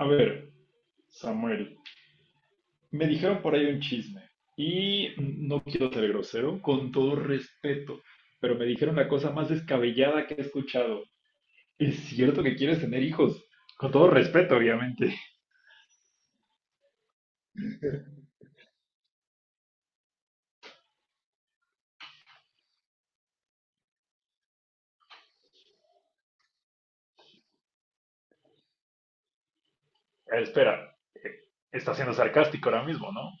A ver, Samuel, me dijeron por ahí un chisme y no quiero ser grosero, con todo respeto, pero me dijeron la cosa más descabellada que he escuchado. ¿Es cierto que quieres tener hijos? Con todo respeto, obviamente. Espera, está siendo sarcástico ahora mismo, ¿no?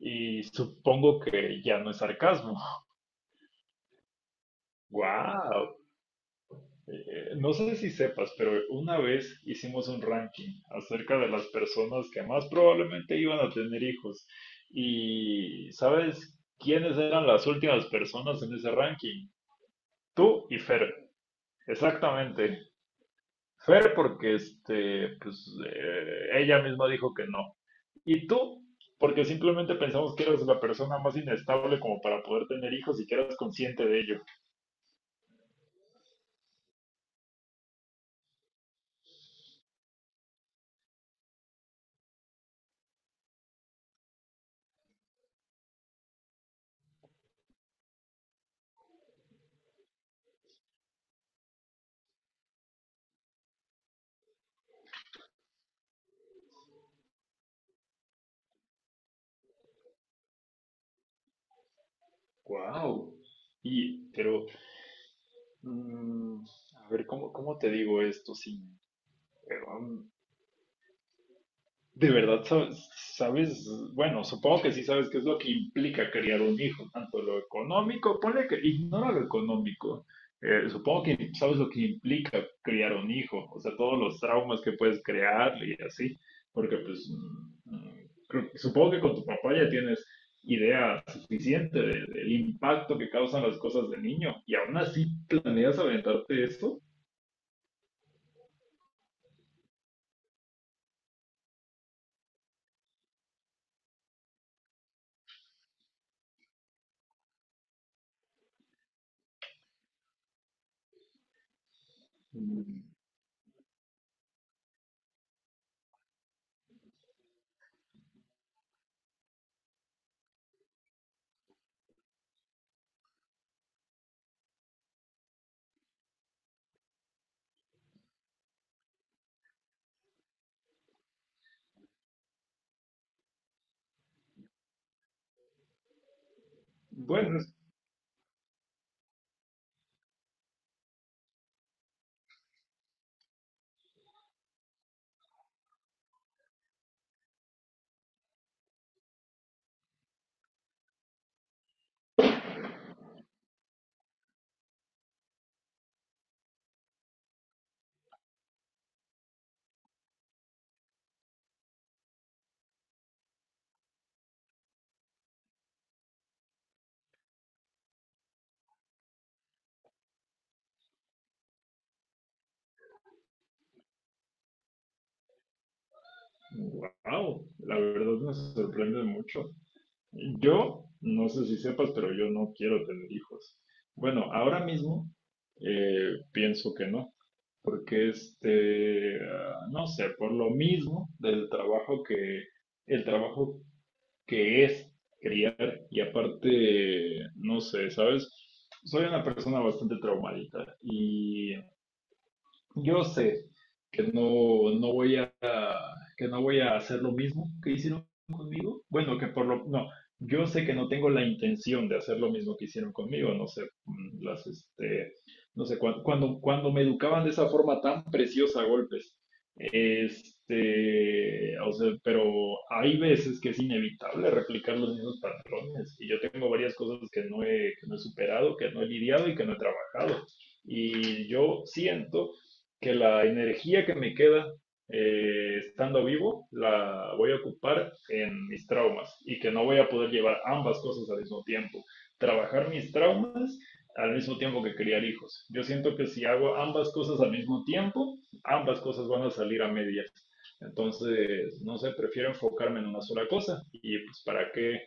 Y supongo que ya no es sarcasmo. Wow. No sé si sepas, pero una vez hicimos un ranking acerca de las personas que más probablemente iban a tener hijos. ¿Y sabes quiénes eran las últimas personas en ese ranking? Tú y Fer, exactamente. Fer porque este, pues, ella misma dijo que no. Y tú porque simplemente pensamos que eras la persona más inestable como para poder tener hijos y que eras consciente de ello. Wow. Y, pero Mm, a ver, ¿cómo te digo esto? Sin eh, um, de verdad sabes, bueno, supongo que sí sabes qué es lo que implica criar un hijo, tanto lo económico, ponle que ignora lo económico. Eh, supongo que sabes lo que implica criar un hijo, o sea, todos los traumas que puedes crear y así, porque pues supongo que con tu papá ya tienes idea suficiente del impacto que causan las cosas de niño y aún así planeas aventarte esto. Mm. Pues, es- wow, la verdad me sorprende mucho. Yo, no sé si sepas, pero yo no quiero tener hijos. Bueno, ahora mismo pienso que no, porque este, no sé, por lo mismo del trabajo el trabajo que es, y aparte, no sé, ¿sabes? Soy una persona bastante traumadita y yo sé que no voy que no voy a hacer lo mismo que hicieron conmigo. Bueno, que por lo... No, yo sé que no tengo la intención de hacer lo mismo que hicieron conmigo, no sé, las, este, no sé, cuando me educaban de esa forma tan preciosa a golpes, este, o sea, pero hay veces que es inevitable replicar los mismos patrones y yo tengo varias cosas que no he superado, que no he lidiado y que no he trabajado. Y yo siento que la energía que me queda estando vivo la voy a ocupar en mis traumas y que no voy a poder llevar ambas cosas al mismo tiempo. Trabajar mis traumas al mismo tiempo que criar hijos. Yo siento que si hago ambas cosas al mismo tiempo, ambas cosas van a salir a medias. Entonces, no sé, prefiero enfocarme en una sola cosa y pues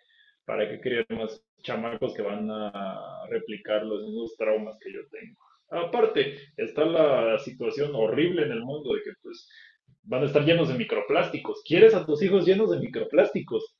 para qué crear más chamacos que van a replicar los mismos traumas que yo tengo. Aparte, está la situación horrible en el mundo de que pues van a estar llenos de microplásticos. ¿Quieres a tus hijos llenos de microplásticos?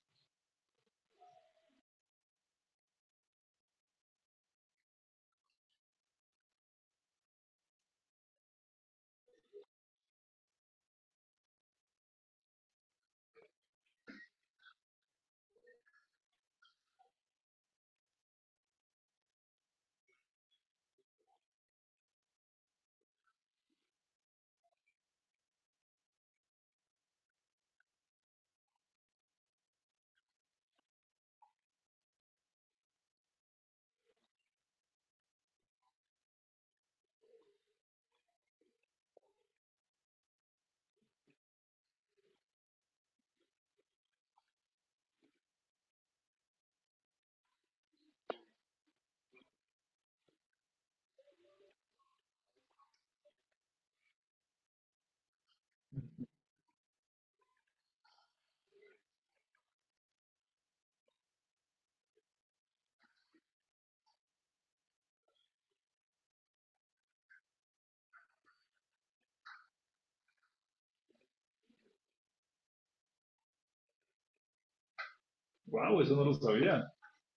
Wow, eso no lo sabía.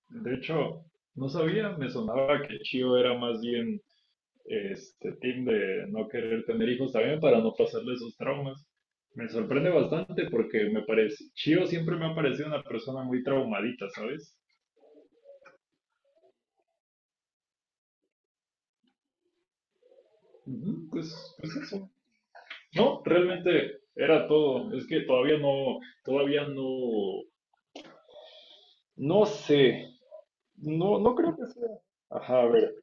De hecho, no sabía, me sonaba que Chio era más bien este team de no querer tener hijos también para no pasarle esos traumas. Me sorprende bastante porque me parece, Chio siempre me ha parecido una persona muy traumadita, ¿sabes? Ujú. Pues, pues eso. No, realmente era todo. Es que todavía no, no sé, no creo que sea. Ajá, a ver.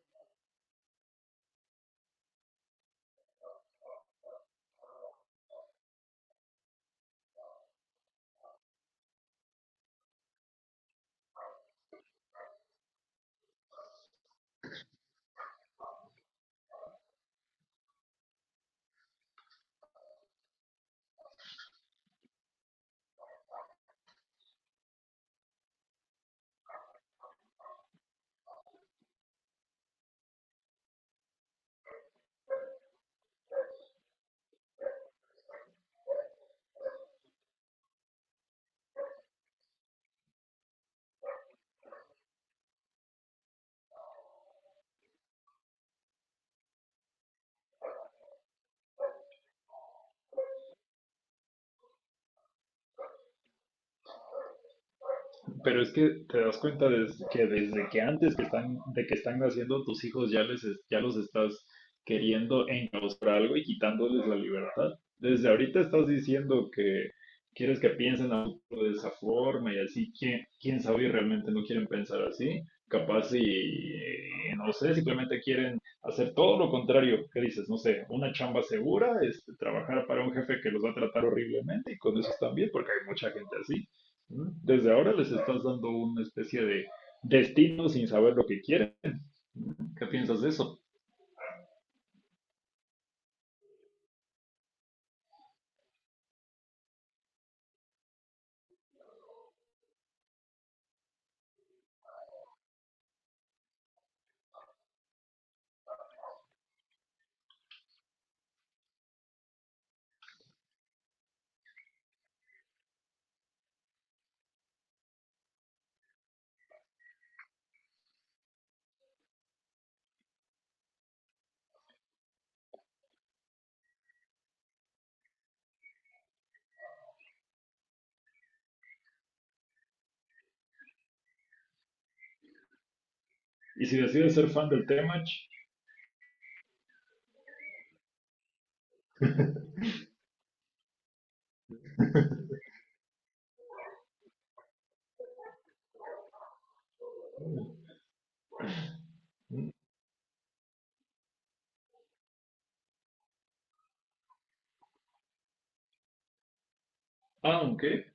Pero es que te das cuenta que desde que antes que están, de que están naciendo tus hijos ya ya los estás queriendo encauzar a algo y quitándoles la libertad. Desde ahorita estás diciendo que quieres que piensen a futuro de esa forma y así, ¿quién sabe y realmente no quieren pensar así? Capaz y, no sé, simplemente quieren hacer todo lo contrario. ¿Qué dices? No sé, una chamba segura, este, trabajar para un jefe que los va a tratar horriblemente y con eso están bien porque hay mucha gente así. ¿No? Desde ahora les estás dando una especie de destino sin saber lo que quieren. ¿No? ¿Qué piensas de eso? Y si decides ser fan del Temach, aunque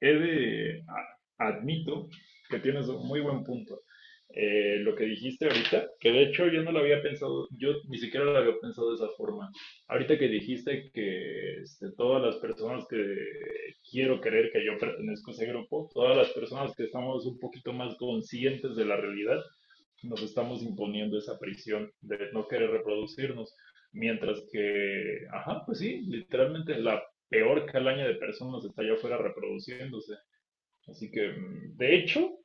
he de, admito que tienes un muy buen punto. Lo que dijiste ahorita, que de hecho yo no lo había pensado, yo ni siquiera lo había pensado de esa forma. Ahorita que dijiste que este, todas las personas que quiero creer que yo pertenezco a ese grupo, todas las personas que estamos un poquito más conscientes de la realidad, nos estamos imponiendo esa prisión de no querer reproducirnos, mientras que, ajá, pues sí, literalmente la peor calaña de personas está allá afuera reproduciéndose. Así que, mm, de hecho,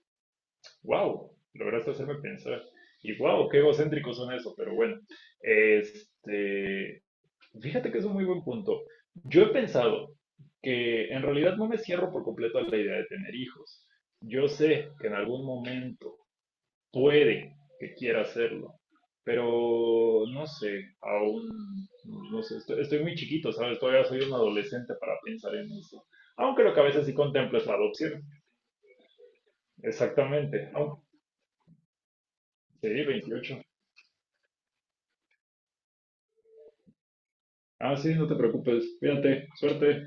wow, lograste hacerme pensar. Y wow, qué egocéntricos son eso, pero bueno, este, fíjate que es un muy buen punto. Yo he pensado que en realidad no me cierro por completo a la idea de tener hijos. Yo sé que en algún momento puede que quiera hacerlo, pero no sé, aún, no sé, estoy muy chiquito, ¿sabes? Todavía soy un adolescente para pensar en eso. Aunque lo que a veces sí contemplo es la adopción, exactamente. Aunque, sí, 28. Ah, sí, no te preocupes, cuídate, suerte.